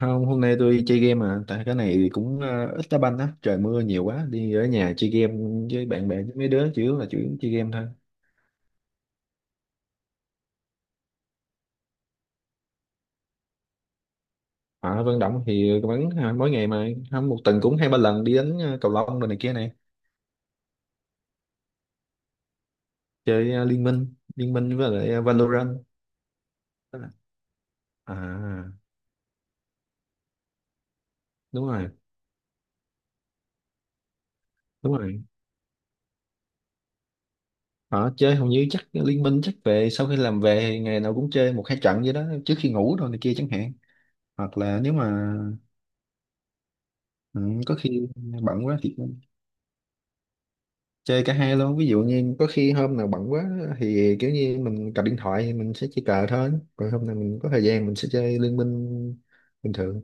Không, hôm nay tôi chơi game mà tại cái này thì cũng ít đá banh á, trời mưa nhiều quá, đi ở nhà chơi game với bạn bè với mấy đứa chủ yếu chơi game thôi. Ở Vân Động thì vẫn mỗi ngày mà không một tuần cũng hai ba lần đi đánh cầu lông rồi này kia này, chơi Liên Minh, Liên Minh với lại Valorant. Tức là- À, đúng rồi, đúng rồi. Họ chơi hầu như chắc Liên Minh chắc về sau khi làm về thì ngày nào cũng chơi một hai trận vậy đó trước khi ngủ rồi này kia chẳng hạn. Hoặc là nếu mà ừ, có khi bận quá thì chơi cả hai luôn, ví dụ như có khi hôm nào bận quá thì kiểu như mình cầm điện thoại thì mình sẽ chơi cờ thôi, còn hôm nào mình có thời gian mình sẽ chơi liên minh bình thường.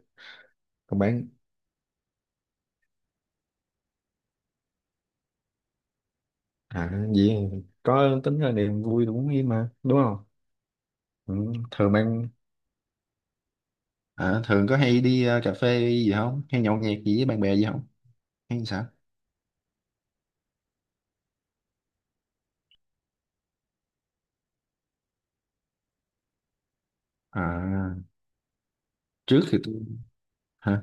Còn bạn? À gì, có tính là niềm vui đúng, như mà đúng không. Ừ. Thường bạn, à, thường có hay đi cà phê gì không hay nhậu nhẹt gì với bạn bè gì không hay sao? À, trước thì tôi, hả,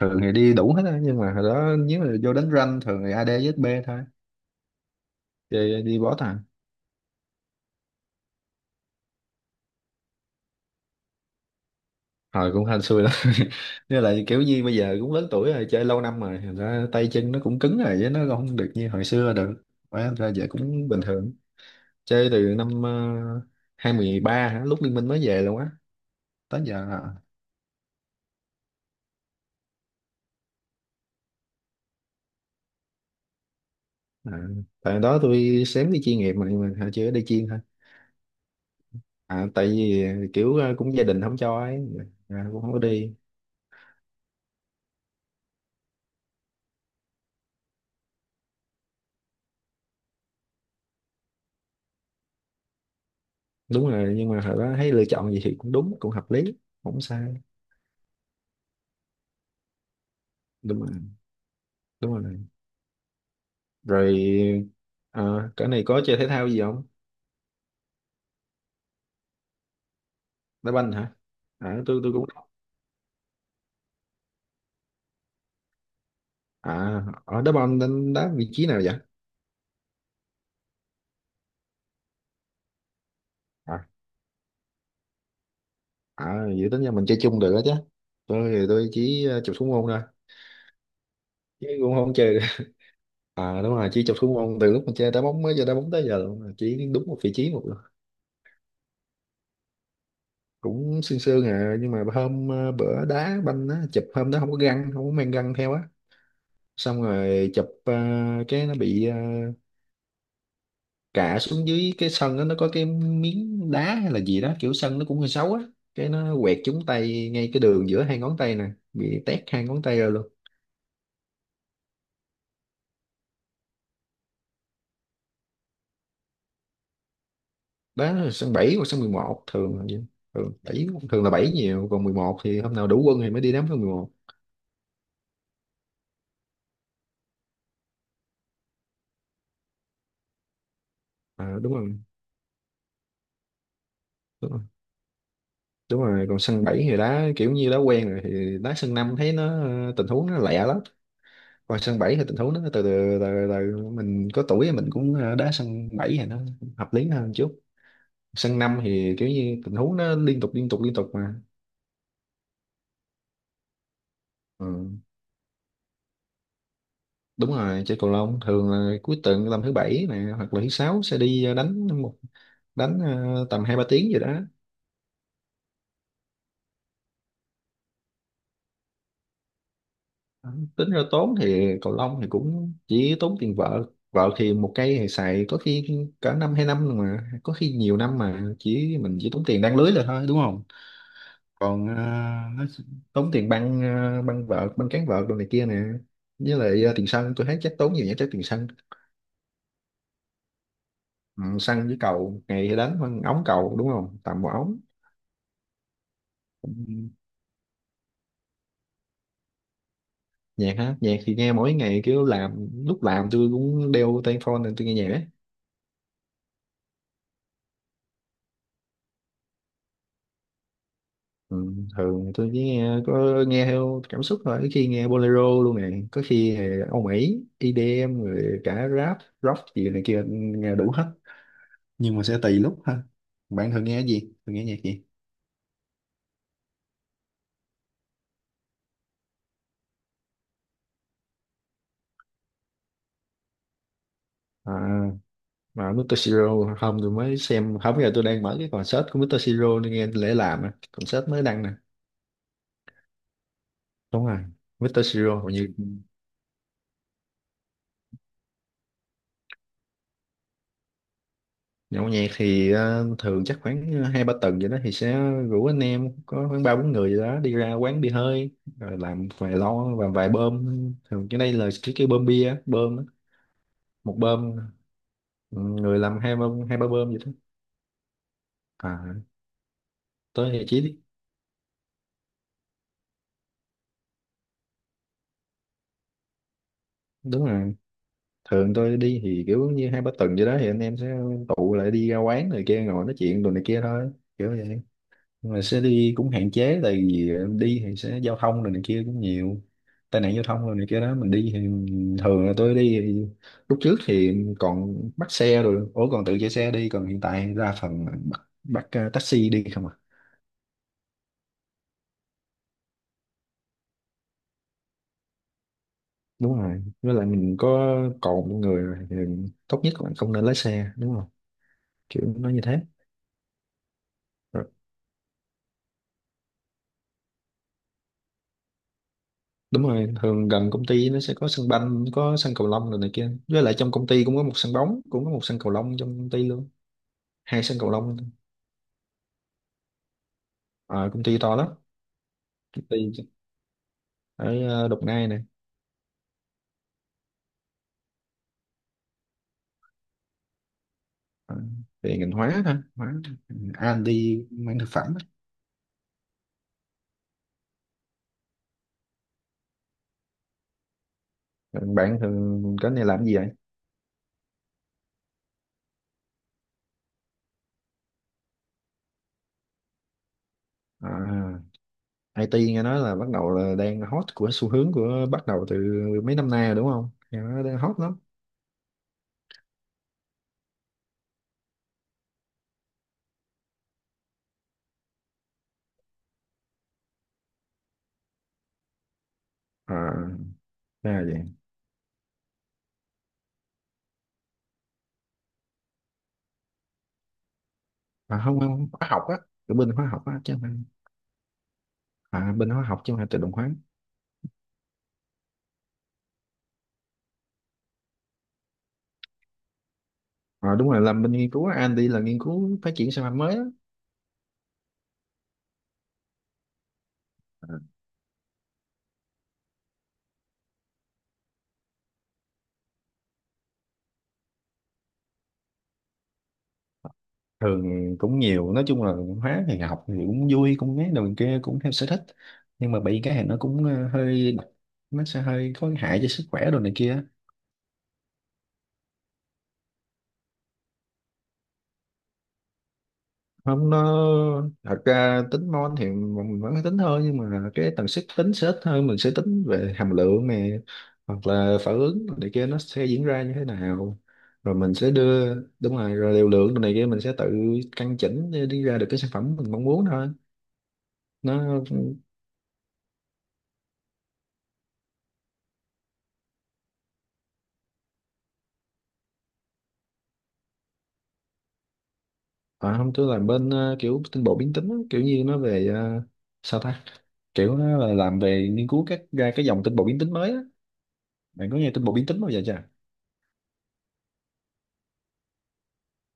thường thì đi đủ hết á, nhưng mà hồi đó nếu mà vô đánh ranh thường thì AD với B thôi, chơi đi boss à. Hồi cũng hên xui lắm nên là kiểu như bây giờ cũng lớn tuổi rồi, chơi lâu năm rồi thành ra tay chân nó cũng cứng rồi chứ nó không được như hồi xưa được, quá thành ra giờ cũng bình thường. Chơi từ năm 2013 hả, lúc Liên Minh mới về luôn á tới giờ à. À, tại đó tôi xém đi chuyên nghiệp mà, nhưng mà hồi chưa đi chuyên thôi, à, tại vì kiểu cũng gia đình không cho ấy, à, cũng không có đi. Đúng rồi, nhưng mà hồi đó thấy lựa chọn gì thì cũng đúng, cũng hợp lý không sai. Đúng rồi, đúng rồi, rồi cái này có chơi thể thao gì không? Đá banh hả? À, tôi cũng à, ở đá banh đánh đá vị trí nào vậy? À, à vậy tính ra mình chơi chung được đó chứ, tôi chỉ chụp xuống môn thôi chứ cũng không chơi được. À đúng rồi, chỉ chụp xuống môn từ lúc mình chơi đá bóng mới giờ đá bóng tới giờ luôn, chỉ đúng một vị trí một lần. Cũng sương sương à, nhưng mà hôm bữa đá banh á chụp hôm đó không có găng, không có mang găng theo á, xong rồi chụp cái nó bị cả xuống dưới cái sân đó, nó có cái miếng đá hay là gì đó, kiểu sân nó cũng hơi xấu á, cái nó quẹt trúng tay ngay cái đường giữa hai ngón tay nè, bị tét hai ngón tay ra luôn. Đó là sân 7 hoặc sân mười một, thường là vậy. Thường bảy, thường là 7 nhiều, còn 11 thì hôm nào đủ quân thì mới đi đá sân 11. À, đúng rồi, đúng rồi, đúng rồi. Còn sân 7 thì đá kiểu như đá quen rồi thì đá sân 5 thấy nó tình huống nó lẹ lắm, còn sân 7 thì tình huống nó từ từ, mình có tuổi thì mình cũng đá sân 7 thì nó hợp lý hơn chút. Sân năm thì kiểu như tình huống nó liên tục liên tục liên tục mà. Ừ. Đúng rồi, chơi cầu lông thường là cuối tuần tầm thứ bảy nè, hoặc là thứ sáu sẽ đi đánh tầm hai ba tiếng gì đó. Ừ, tính ra tốn thì cầu lông thì cũng chỉ tốn tiền vợ vợ thì một cây thì xài có khi cả năm hai năm rồi, mà có khi nhiều năm mà chỉ mình chỉ tốn tiền đan lưới là thôi, đúng không? Còn nó tốn tiền băng băng vợt băng cán vợt đồ này kia nè, với lại tiền sân, tôi thấy chắc tốn nhiều nhất chắc tiền sân. Ừ, săn với cầu ngày đánh con ống cầu đúng không, tầm một ống. Ừ. Nhạc hả? Nhạc thì nghe mỗi ngày, kiểu làm lúc làm tôi cũng đeo tai phone nên tôi nghe nhạc ấy. Ừ, thường tôi chỉ nghe có nghe theo cảm xúc thôi, có khi nghe bolero luôn nè, có khi thì Âu Mỹ EDM rồi cả rap rock gì này kia, nghe đủ hết, nhưng mà sẽ tùy lúc ha. Bạn thường nghe cái gì, thường nghe nhạc gì? À mà Mr. Siro không, tôi mới xem không, giờ tôi đang mở cái concert của Mr. Siro nên nghe lễ làm à, concert mới đăng nè. Đúng rồi, Mr. Siro hầu như, nhậu nhẹt thì thường chắc khoảng hai ba tuần vậy đó thì sẽ rủ anh em có khoảng ba bốn người gì đó đi ra quán bia hơi, rồi làm vài lon và vài bơm. Thường cái đây là cái bơm bia á, bơm á. Một bơm, ừ, người làm hai bơm, hai ba bơm vậy đó. À, tới thì chỉ đúng rồi, thường tôi đi thì kiểu như hai ba tuần vậy đó thì anh em sẽ tụ lại đi ra quán này kia ngồi nói chuyện đồ này kia thôi, kiểu vậy. Nhưng mà sẽ đi cũng hạn chế, tại vì đi thì sẽ giao thông rồi này kia cũng nhiều tai nạn giao thông rồi này kia đó, mình đi thì thường là tôi đi thì lúc trước thì còn bắt xe rồi ủa còn tự chạy xe đi, còn hiện tại đa phần là bắt taxi đi không à. Đúng rồi, với lại mình có cồn trong người rồi thì tốt nhất là không nên lái xe, đúng không, kiểu nó như thế. Rồi, đúng rồi, thường gần công ty nó sẽ có sân banh có sân cầu lông rồi này kia, với lại trong công ty cũng có một sân bóng cũng có một sân cầu lông trong công ty luôn, hai sân cầu lông. Ờ, công ty to lắm, công ty ở Đồng Nai này. Ờ, về ngành hóa thôi, hóa R&D mảng thực phẩm á. Còn bạn thường cái này làm cái gì vậy? À, IT nghe nói là bắt đầu là đang hot của xu hướng của, bắt đầu từ mấy năm nay rồi đúng không, nghe nói đang hot lắm. À, ra là vậy. À, không không, hóa học á, ở bên hóa học á chứ không phải, à, bên hóa học chứ không phải tự động hóa. À, đúng rồi, làm bên nghiên cứu R&D là nghiên cứu phát triển sản phẩm mới á. Ờ, thường cũng nhiều, nói chung là hóa thì học thì cũng vui cũng ấy đồ kia cũng theo sở thích, nhưng mà bị cái này nó cũng hơi độc, nó sẽ hơi có hại cho sức khỏe đồ này kia. Không, nó thật ra tính môn thì mình vẫn phải tính thôi, nhưng mà cái tần suất tính sẽ ít hơn, mình sẽ tính về hàm lượng này, hoặc là phản ứng này kia nó sẽ diễn ra như thế nào, rồi mình sẽ đưa đúng rồi, rồi liều lượng này kia mình sẽ tự căn chỉnh để đi ra được cái sản phẩm mình mong muốn thôi. Nó À, không, tôi làm bên kiểu tinh bột biến tính á, kiểu như nó về sao ta, kiểu nó là làm về nghiên cứu các ra cái dòng tinh bột biến tính mới á. Bạn có nghe tinh bột biến tính bao giờ chưa?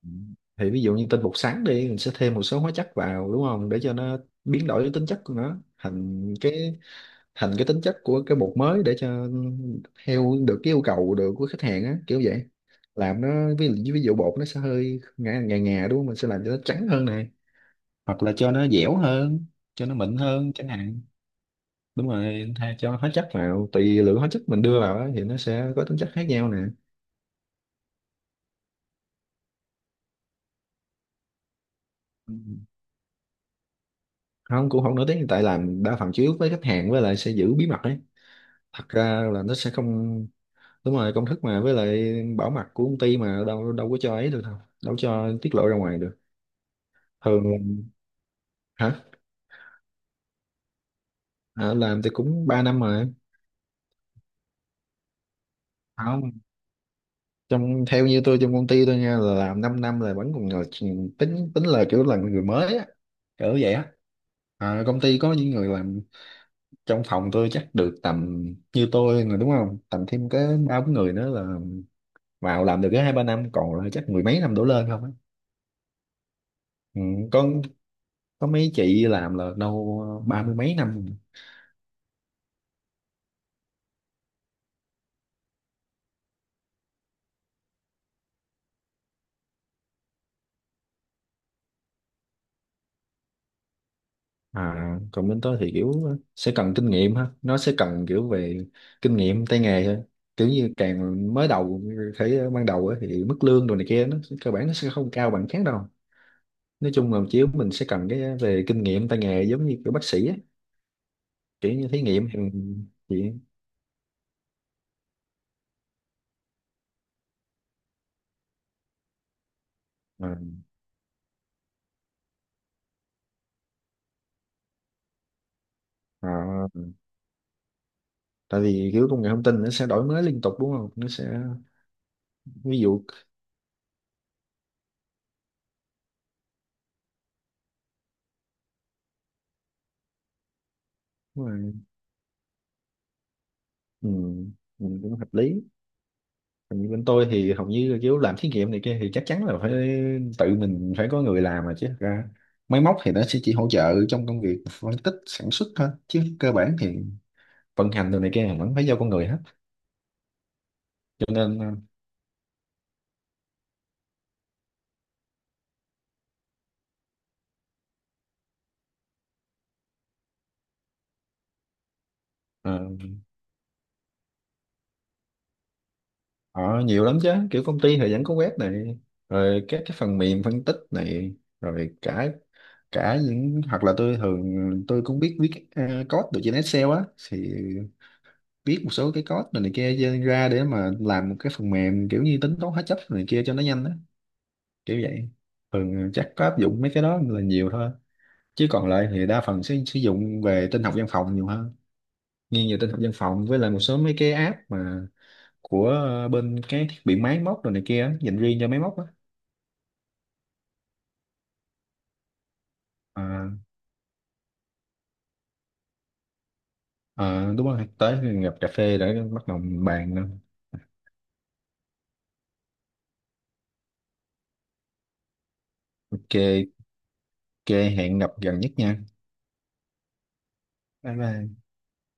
Ừ. Thì ví dụ như tinh bột sắn đi, mình sẽ thêm một số hóa chất vào đúng không, để cho nó biến đổi cái tính chất của nó thành cái, thành cái tính chất của cái bột mới để cho theo được cái yêu cầu được của khách hàng á, kiểu vậy. Làm nó ví dụ bột nó sẽ hơi ngà ngà ngà đúng không, mình sẽ làm cho nó trắng hơn này, hoặc là cho nó dẻo hơn, cho nó mịn hơn chẳng hạn. Đúng rồi, thay cho hóa chất vào tùy lượng hóa chất mình đưa vào á, thì nó sẽ có tính chất khác nhau nè. Ừ. Không, cũng không nổi tiếng, tại làm đa phần chủ yếu với khách hàng, với lại sẽ giữ bí mật ấy, thật ra là nó sẽ không, đúng rồi, công thức mà với lại bảo mật của công ty mà đâu đâu có cho ấy được đâu, đâu cho tiết lộ ra ngoài được. Thường hả? À, làm thì cũng 3 năm rồi. Không, trong theo như tôi trong công ty tôi nha là làm 5 năm là vẫn còn ngồi tính, tính là kiểu là người mới á, kiểu vậy á. À, công ty có những người làm trong phòng tôi chắc được tầm như tôi là đúng không, tầm thêm cái ba bốn người nữa là vào làm được cái hai ba năm, còn là chắc mười mấy năm đổ lên không á. Ừ, có có mấy chị làm là đâu ba mươi mấy năm. À còn bên tôi thì kiểu sẽ cần kinh nghiệm ha, nó sẽ cần kiểu về kinh nghiệm tay nghề thôi, kiểu như càng mới đầu thấy ban đầu á thì mức lương đồ này kia nó sẽ- cơ bản nó sẽ không cao bằng khác đâu. Nói chung là chiếu mình sẽ cần cái về kinh nghiệm tay nghề giống như kiểu bác sĩ á, kiểu như thí nghiệm thì thì- ờ, À, tại vì kiểu công nghệ thông tin nó sẽ đổi mới liên tục đúng không? Nó sẽ ví dụ đúng rồi. Ừ, mình cũng hợp lý. Còn như bên tôi thì hầu như là kiểu làm thí nghiệm này kia thì chắc chắn là phải tự mình phải có người làm mà, chứ thật ra máy móc thì nó sẽ chỉ hỗ trợ trong công việc phân tích sản xuất thôi, chứ cơ bản thì vận hành đồ này kia là vẫn phải do con người hết. Cho nên ờ, Ờ, nhiều lắm chứ, kiểu công ty thì vẫn có web này, rồi các cái phần mềm phân tích này, rồi cả cả những, hoặc là tôi thường tôi cũng biết viết code được trên Excel á, thì viết một số cái code này, này kia trên ra để mà làm một cái phần mềm kiểu như tính toán hóa chất này kia cho nó nhanh á, kiểu vậy. Thường chắc có áp dụng mấy cái đó là nhiều thôi, chứ còn lại thì đa phần sẽ sử dụng về tin học văn phòng nhiều hơn, nghiêng về tin học văn phòng, với lại một số mấy cái app mà của bên cái thiết bị máy móc rồi này kia á, dành riêng cho máy móc á. À, à, đúng rồi, tới gặp cà phê để bắt đầu bàn. Ok, ok, hẹn gặp gần nhất nha. Bye bye.